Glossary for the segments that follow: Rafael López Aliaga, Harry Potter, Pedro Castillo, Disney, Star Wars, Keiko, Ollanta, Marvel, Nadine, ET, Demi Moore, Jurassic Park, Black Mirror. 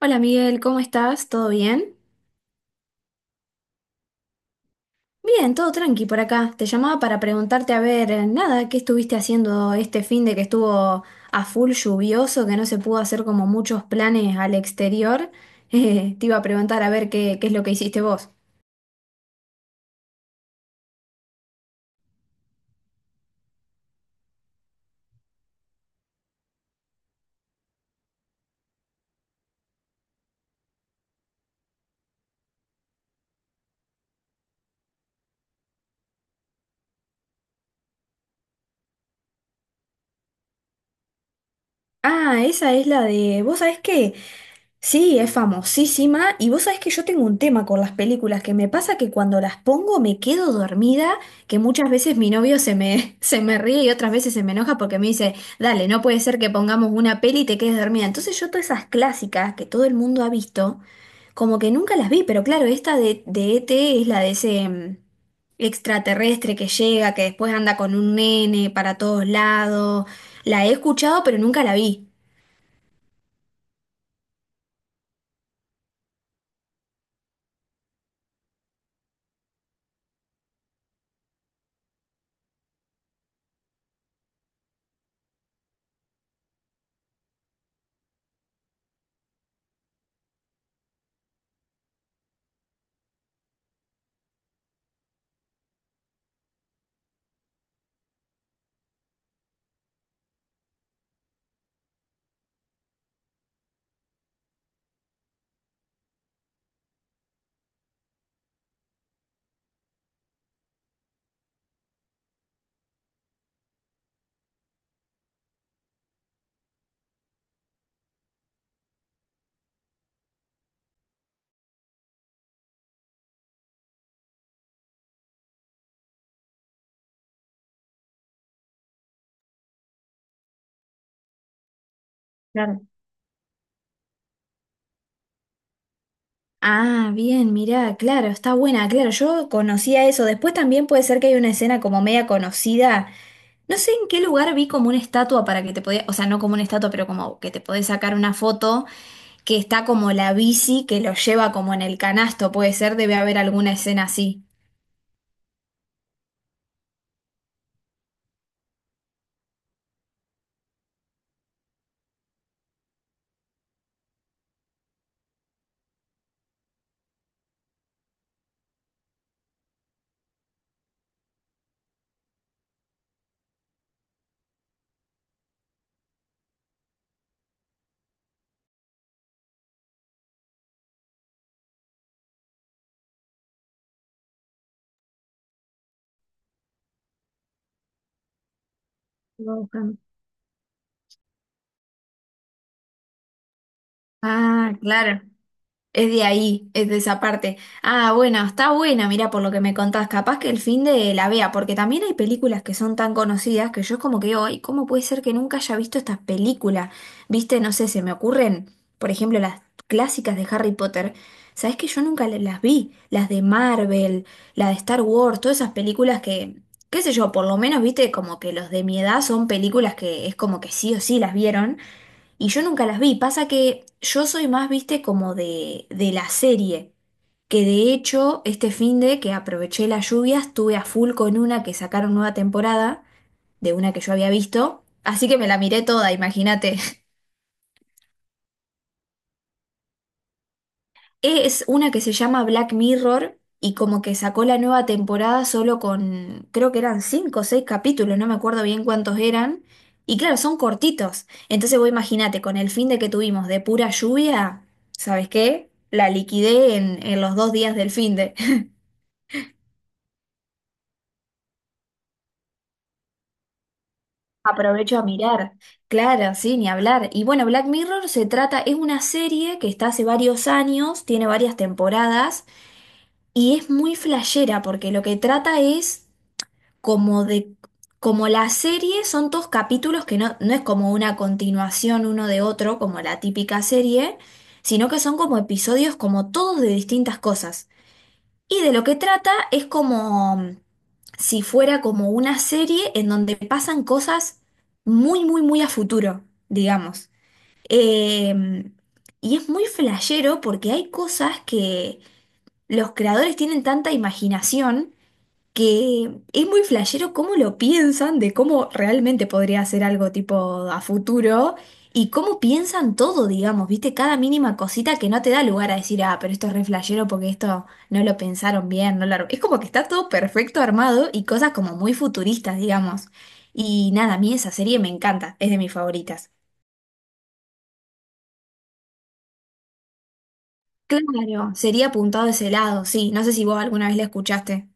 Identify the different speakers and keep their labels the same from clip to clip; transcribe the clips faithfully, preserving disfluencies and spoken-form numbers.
Speaker 1: Hola Miguel, ¿cómo estás? ¿Todo bien? Bien, todo tranqui por acá. Te llamaba para preguntarte, a ver, eh, nada, ¿qué estuviste haciendo este fin de que estuvo a full lluvioso, que no se pudo hacer como muchos planes al exterior? Eh, te iba a preguntar a ver qué, qué es lo que hiciste vos. Ah, esa es la de, ¿vos sabés qué? Sí, es famosísima. Y vos sabés que yo tengo un tema con las películas, que me pasa que cuando las pongo me quedo dormida, que muchas veces mi novio se me, se me ríe y otras veces se me enoja porque me dice, dale, no puede ser que pongamos una peli y te quedes dormida. Entonces yo todas esas clásicas que todo el mundo ha visto, como que nunca las vi, pero claro, esta de, de E T es la de ese mm, extraterrestre que llega, que después anda con un nene para todos lados. La he escuchado, pero nunca la vi. Ah, bien, mirá, claro, está buena, claro, yo conocía eso. Después también puede ser que hay una escena como media conocida. No sé en qué lugar vi como una estatua para que te podías, o sea, no como una estatua, pero como que te podés sacar una foto, que está como la bici que lo lleva como en el canasto, puede ser, debe haber alguna escena así. Lo buscan. Ah, claro. Es de ahí, es de esa parte. Ah, bueno, está buena, mira, por lo que me contás, capaz que el fin de la vea, porque también hay películas que son tan conocidas que yo es como que hoy, ¿cómo puede ser que nunca haya visto estas películas? Viste, no sé, se me ocurren, por ejemplo, las clásicas de Harry Potter. Sabés que yo nunca le- las vi, las de Marvel, la de Star Wars, todas esas películas que, qué sé yo, por lo menos, viste, como que los de mi edad son películas que es como que sí o sí las vieron. Y yo nunca las vi. Pasa que yo soy más, viste, como de, de, la serie. Que de hecho, este fin de que aproveché las lluvias, estuve a full con una que sacaron nueva temporada, de una que yo había visto. Así que me la miré toda, imagínate. Es una que se llama Black Mirror y como que sacó la nueva temporada solo con, creo que eran cinco o seis capítulos, no me acuerdo bien cuántos eran. Y claro, son cortitos. Entonces vos imagínate, con el fin de que tuvimos de pura lluvia, ¿sabes qué? La liquidé en, en los dos días del fin de. Aprovecho a mirar. Claro, sí, ni hablar. Y bueno, Black Mirror se trata, es una serie que está hace varios años, tiene varias temporadas. Y es muy flashera porque lo que trata es como de, como la serie son todos capítulos que no, no es como una continuación uno de otro, como la típica serie, sino que son como episodios como todos de distintas cosas. Y de lo que trata es como mm, si fuera como una serie en donde pasan cosas muy, muy, muy a futuro, digamos. Eh, y es muy flashero porque hay cosas que los creadores tienen tanta imaginación que es muy flashero cómo lo piensan, de cómo realmente podría ser algo tipo a futuro y cómo piensan todo, digamos, viste, cada mínima cosita que no te da lugar a decir, ah, pero esto es re flashero porque esto no lo pensaron bien, no lo... ar-". Es como que está todo perfecto armado y cosas como muy futuristas, digamos. Y nada, a mí esa serie me encanta, es de mis favoritas. Claro, sería apuntado a ese lado, sí, no sé si vos alguna vez la escuchaste.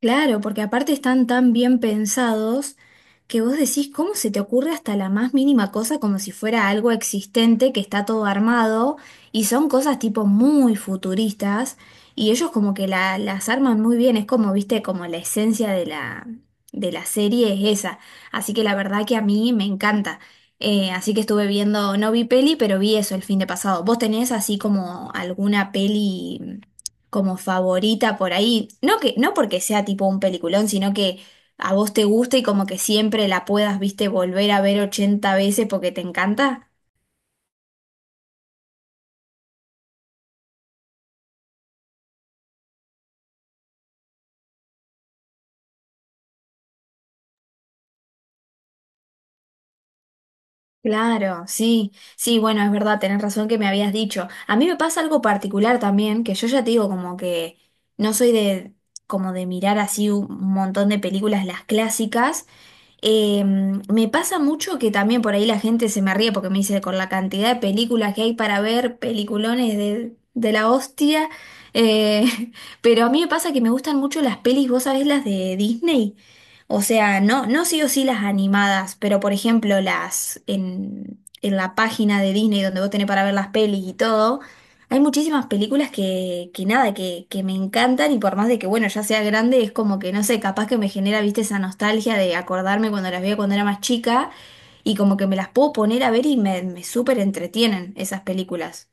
Speaker 1: Claro, porque aparte están tan bien pensados que vos decís, ¿cómo se te ocurre hasta la más mínima cosa como si fuera algo existente que está todo armado? Y son cosas tipo muy futuristas y ellos como que la- las arman muy bien, es como, viste, como la esencia de la, de la, serie es esa. Así que la verdad que a mí me encanta. Eh, así que estuve viendo, no vi peli, pero vi eso el fin de pasado. ¿Vos tenés así como alguna peli como favorita por ahí? No que, no porque sea tipo un peliculón, sino que a vos te gusta y como que siempre la puedas, viste, volver a ver ochenta veces porque te encanta. Claro, sí, sí, bueno, es verdad, tenés razón que me habías dicho. A mí me pasa algo particular también, que yo ya te digo como que no soy de como de mirar así un montón de películas, las clásicas. Eh, me pasa mucho que también por ahí la gente se me ríe porque me dice, con la cantidad de películas que hay para ver, peliculones de, de, la hostia, eh, pero a mí me pasa que me gustan mucho las pelis, vos sabés, las de Disney. O sea, no, no sí o sí las animadas, pero por ejemplo las en, en la página de Disney donde vos tenés para ver las pelis y todo. Hay muchísimas películas que, que nada, que, que me encantan y por más de que, bueno, ya sea grande, es como que, no sé, capaz que me genera, viste, esa nostalgia de acordarme cuando las veía cuando era más chica y como que me las puedo poner a ver y me, me súper entretienen esas películas.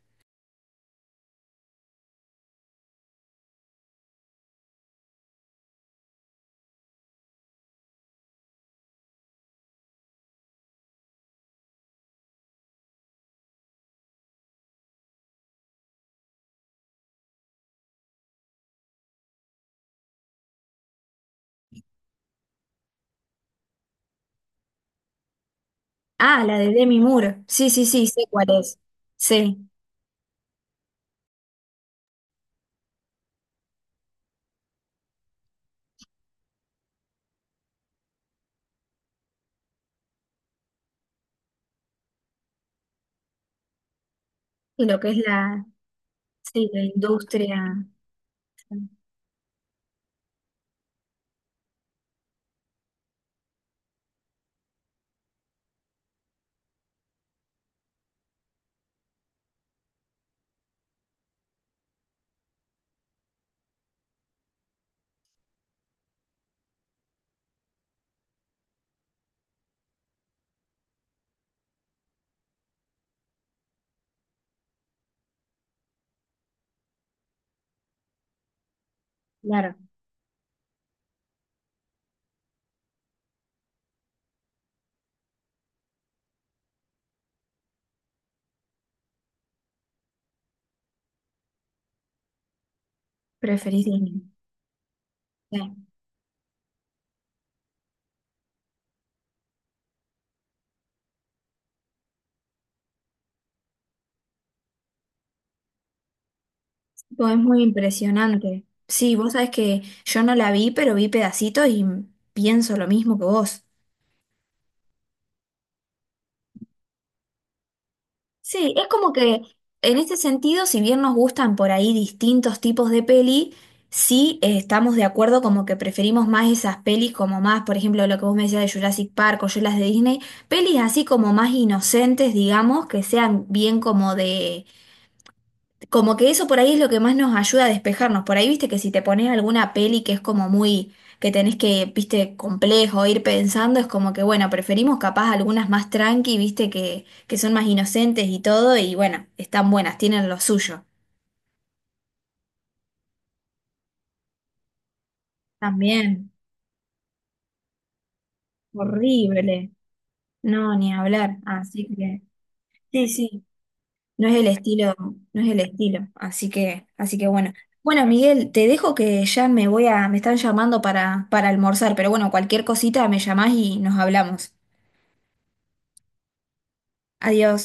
Speaker 1: Ah, la de Demi Moore. Sí, sí, sí, sé cuál es. Sí, y lo que es la, sí, la industria. Sí, claro, preferís Disney. Sí. Tipo, es muy impresionante. Sí, vos sabés que yo no la vi, pero vi pedacitos y pienso lo mismo que vos. Sí, es como que en este sentido, si bien nos gustan por ahí distintos tipos de peli, sí, eh, estamos de acuerdo como que preferimos más esas pelis como más, por ejemplo, lo que vos me decías de Jurassic Park o yo las de Disney, pelis así como más inocentes, digamos, que sean bien como de, como que eso por ahí es lo que más nos ayuda a despejarnos. Por ahí, viste, que si te pones alguna peli que es como muy, que tenés que, viste, complejo, ir pensando, es como que, bueno, preferimos capaz algunas más tranqui, viste, que, que son más inocentes y todo, y bueno, están buenas, tienen lo suyo. También, horrible. No, ni hablar. Así que, sí, sí. No es el estilo, no es el estilo, así que, así que bueno. Bueno, Miguel, te dejo que ya me voy a, me están llamando para, para, almorzar, pero bueno, cualquier cosita me llamás y nos hablamos. Adiós.